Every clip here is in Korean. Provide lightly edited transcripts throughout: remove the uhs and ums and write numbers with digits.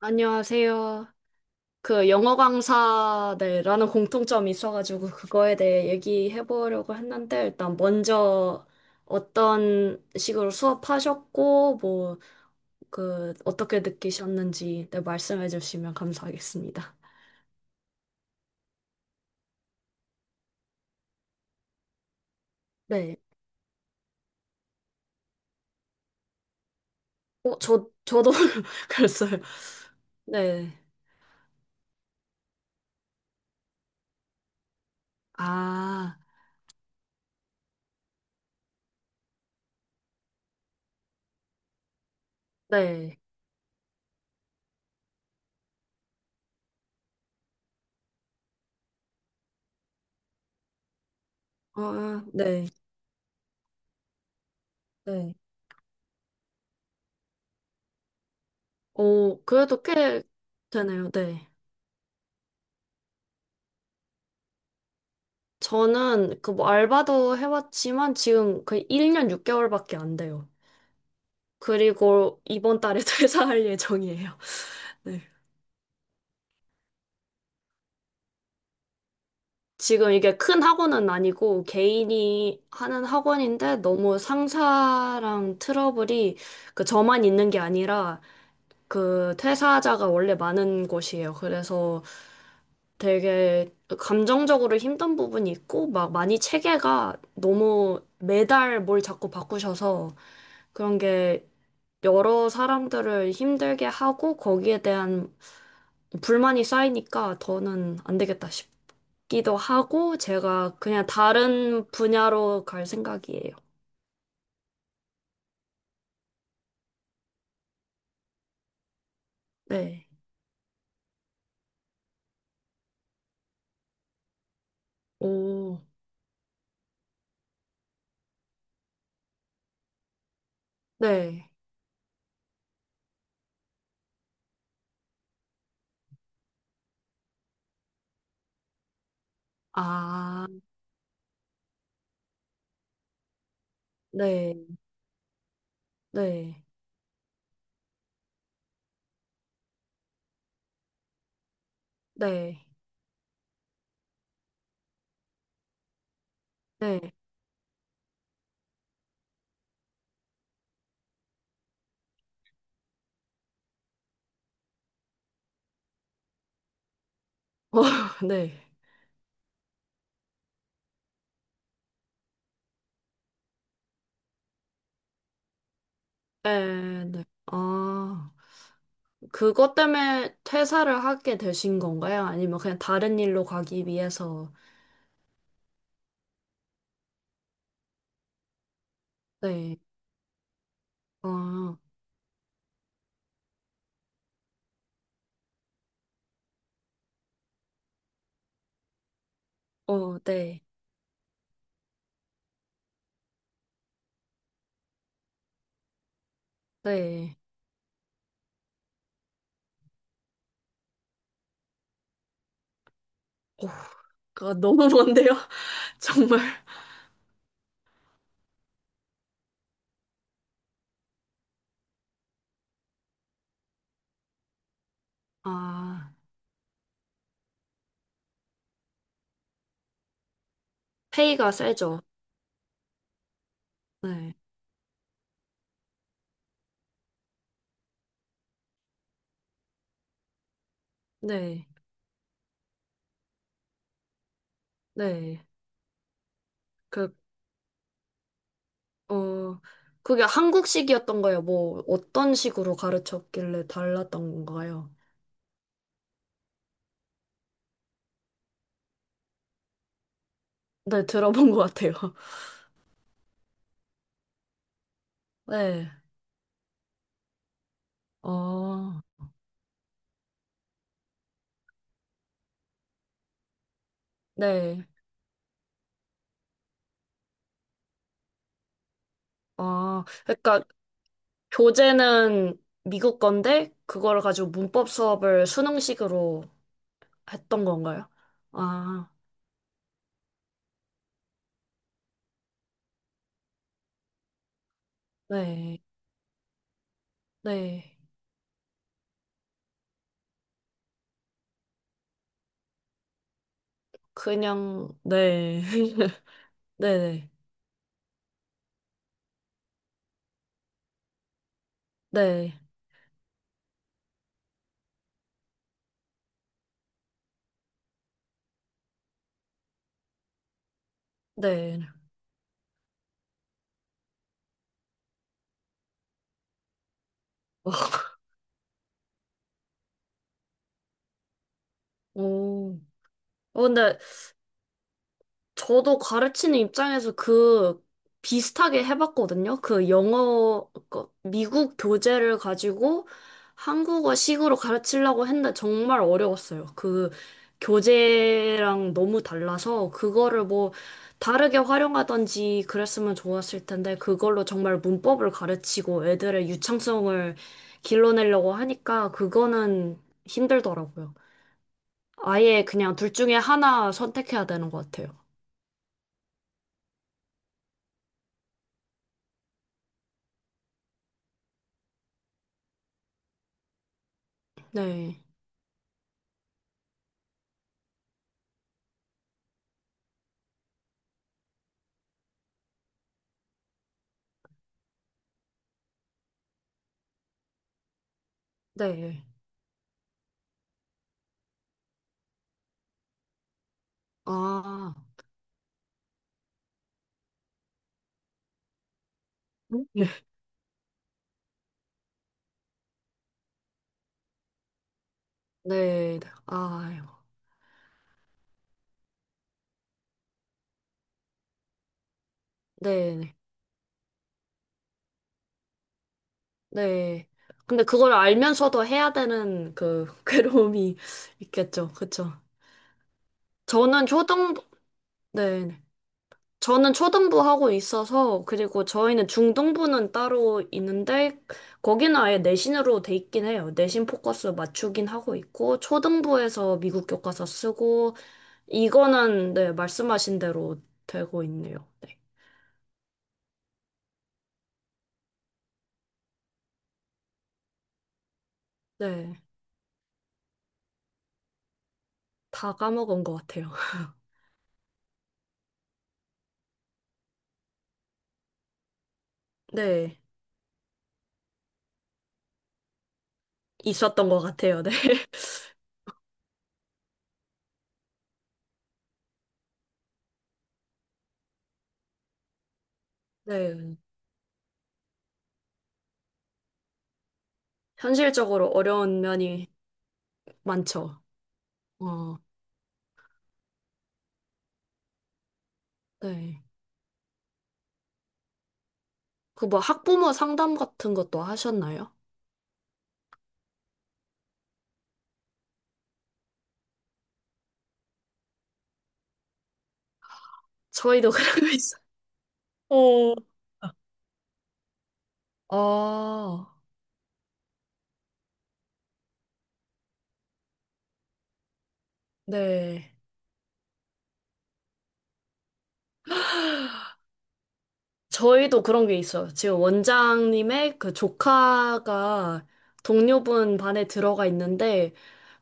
안녕하세요. 그 영어 강사네라는 공통점이 있어가지고 그거에 대해 얘기해 보려고 했는데 일단 먼저 어떤 식으로 수업하셨고 뭐 그 어떻게 느끼셨는지 네, 말씀해 주시면 감사하겠습니다. 네. 어, 저도 그랬어요. 네. 아, 네. 아, 네. 네. 오, 그래도 꽤 되네요. 네. 저는 그 뭐 알바도 해봤지만 지금 거의 1년 6개월밖에 안 돼요. 그리고 이번 달에 퇴사할 예정이에요. 네. 지금 이게 큰 학원은 아니고 개인이 하는 학원인데 너무 상사랑 트러블이 그 저만 있는 게 아니라 그 퇴사자가 원래 많은 곳이에요. 그래서 되게 감정적으로 힘든 부분이 있고 막 많이 체계가 너무 매달 뭘 자꾸 바꾸셔서 그런 게 여러 사람들을 힘들게 하고 거기에 대한 불만이 쌓이니까 더는 안 되겠다 싶기도 하고 제가 그냥 다른 분야로 갈 생각이에요. 네. 오, 네. 아, 네, 네, 네, 네. 어, 네. 네, 네. 아, 그것 때문에 퇴사를 하게 되신 건가요? 아니면 그냥 다른 일로 가기 위해서? 네. 어, 어, 네, 네. 그거 너무 먼데요? 정말. 아, 페이가 세죠. 네. 네, 네. 그, 어, 그게 한국식이었던 거예요? 뭐, 어떤 식으로 가르쳤길래 달랐던 건가요? 네, 들어본 것 같아요. 네, 어, 네. 아, 그러니까 교재는 미국 건데, 그걸 가지고 문법 수업을 수능식으로 했던 건가요? 아, 네, 네. 그냥, 네. 네네. 네. 네. 오. 어, 근데 저도 가르치는 입장에서 그 비슷하게 해봤거든요. 그 영어, 그 미국 교재를 가지고 한국어식으로 가르치려고 했는데 정말 어려웠어요. 그 교재랑 너무 달라서 그거를 뭐 다르게 활용하던지 그랬으면 좋았을 텐데 그걸로 정말 문법을 가르치고 애들의 유창성을 길러내려고 하니까 그거는 힘들더라고요. 아예 그냥 둘 중에 하나 선택해야 되는 것 같아요. 네, 네. 아, 네, 아유, 네, 아유. 네. 네. 근데 그걸 알면서도 해야 되는 그 괴로움이 있겠죠. 그쵸. 저는 초등부, 네. 네. 저는 초등부 하고 있어서, 그리고 저희는 중등부는 따로 있는데, 거기는 아예 내신으로 돼 있긴 해요. 내신 포커스 맞추긴 하고 있고, 초등부에서 미국 교과서 쓰고, 이거는 네, 말씀하신 대로 되고 있네요. 네. 네. 다 까먹은 것 같아요. 네. 있었던 것 같아요. 네. 네. 현실적으로 어려운 면이 많죠. 어, 네. 그 뭐 학부모 상담 같은 것도 하셨나요? 저희도 그러고 있어요. 어. 아, 네. 저희도 그런 게 있어요. 지금 원장님의 그 조카가 동료분 반에 들어가 있는데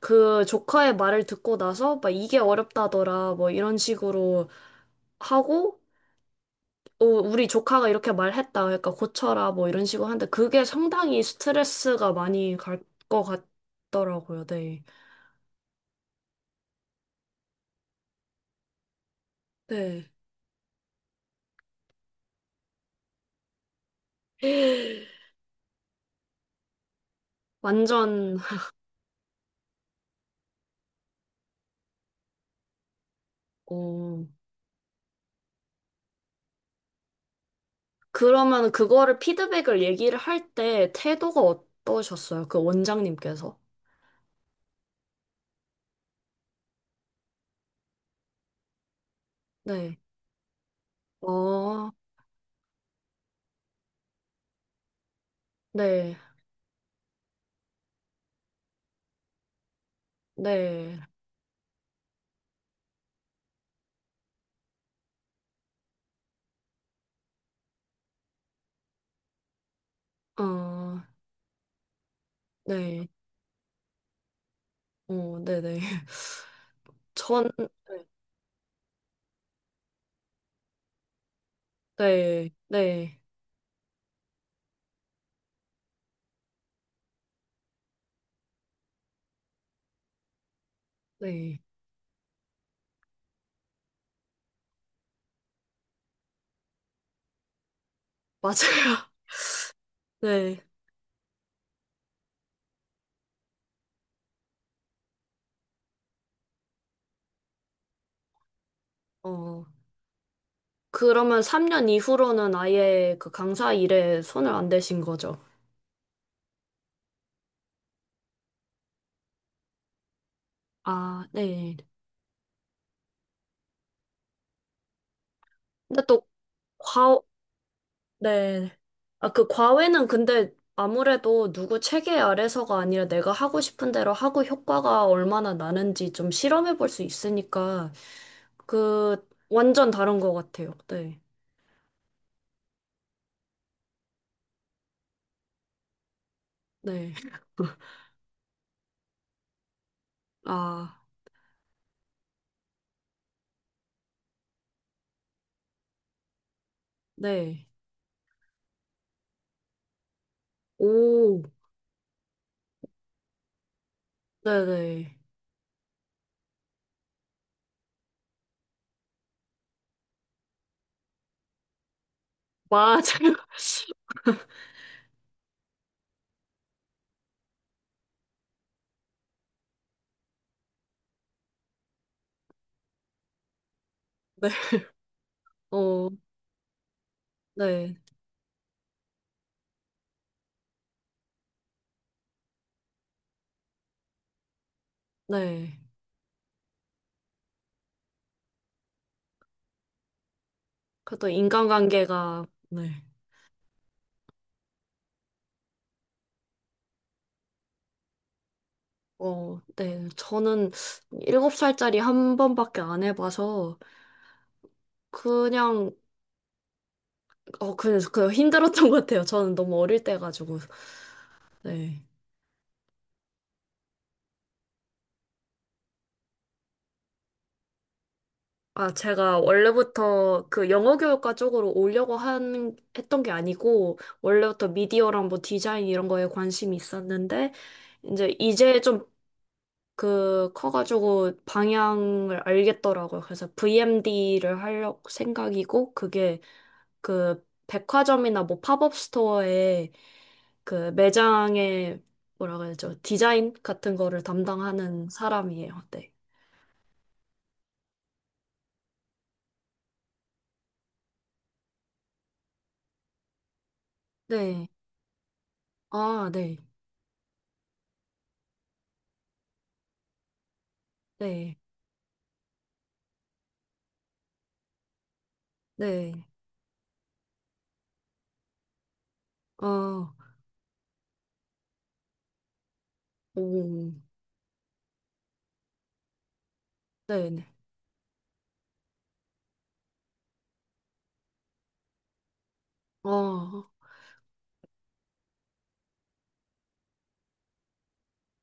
그 조카의 말을 듣고 나서 막 이게 어렵다더라 뭐 이런 식으로 하고 어, 우리 조카가 이렇게 말했다 그러니까 고쳐라 뭐 이런 식으로 하는데 그게 상당히 스트레스가 많이 갈 것 같더라고요. 네. 네. 완전 어. 그러면 그거를 피드백을 얘기를 할 때 태도가 어떠셨어요? 그 원장님께서? 네. 어, 네, 네, 어, 네, 어, 네네. 전, 네, 네, 네, 맞아요. 네, 어. 그러면 3년 이후로는 아예 그 강사 일에 손을 안 대신 거죠? 아, 네. 근데 또, 과, 네. 아, 그 과외는 근데 아무래도 누구 체계 아래서가 아니라 내가 하고 싶은 대로 하고 효과가 얼마나 나는지 좀 실험해 볼 수 있으니까 그, 완전 다른 것 같아요. 네. 네. 아, 네. 오, 네네. 맞아요. 네. 어, 네. 네. 그래도 인간관계가, 네. 어, 네. 저는 일곱 살짜리 한 번밖에 안 해봐서, 그냥, 어, 그냥, 그 힘들었던 것 같아요. 저는 너무 어릴 때 가지고. 네. 아, 제가 원래부터 그 영어 교육과 쪽으로 오려고 한, 했던 게 아니고, 원래부터 미디어랑 뭐 디자인 이런 거에 관심이 있었는데, 이제 좀 그 커가지고 방향을 알겠더라고요. 그래서 VMD를 하려고 생각이고, 그게 그 백화점이나 뭐 팝업 스토어에 그 매장에 뭐라 그러죠? 디자인 같은 거를 담당하는 사람이에요. 네. 네. 아, 네. 네. 네. 어. 오, 네네. 아,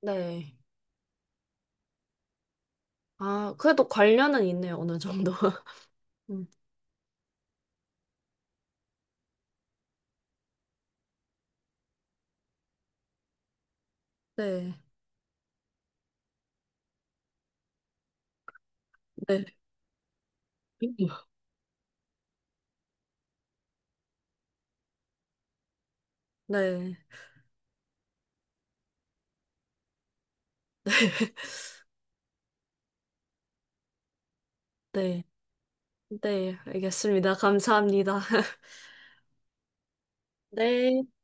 네. 아, 그래도 관련은 있네요, 어느 정도. 음, 네, 네, 네, 네, 네, 네, 알겠습니다. 감사합니다. 네.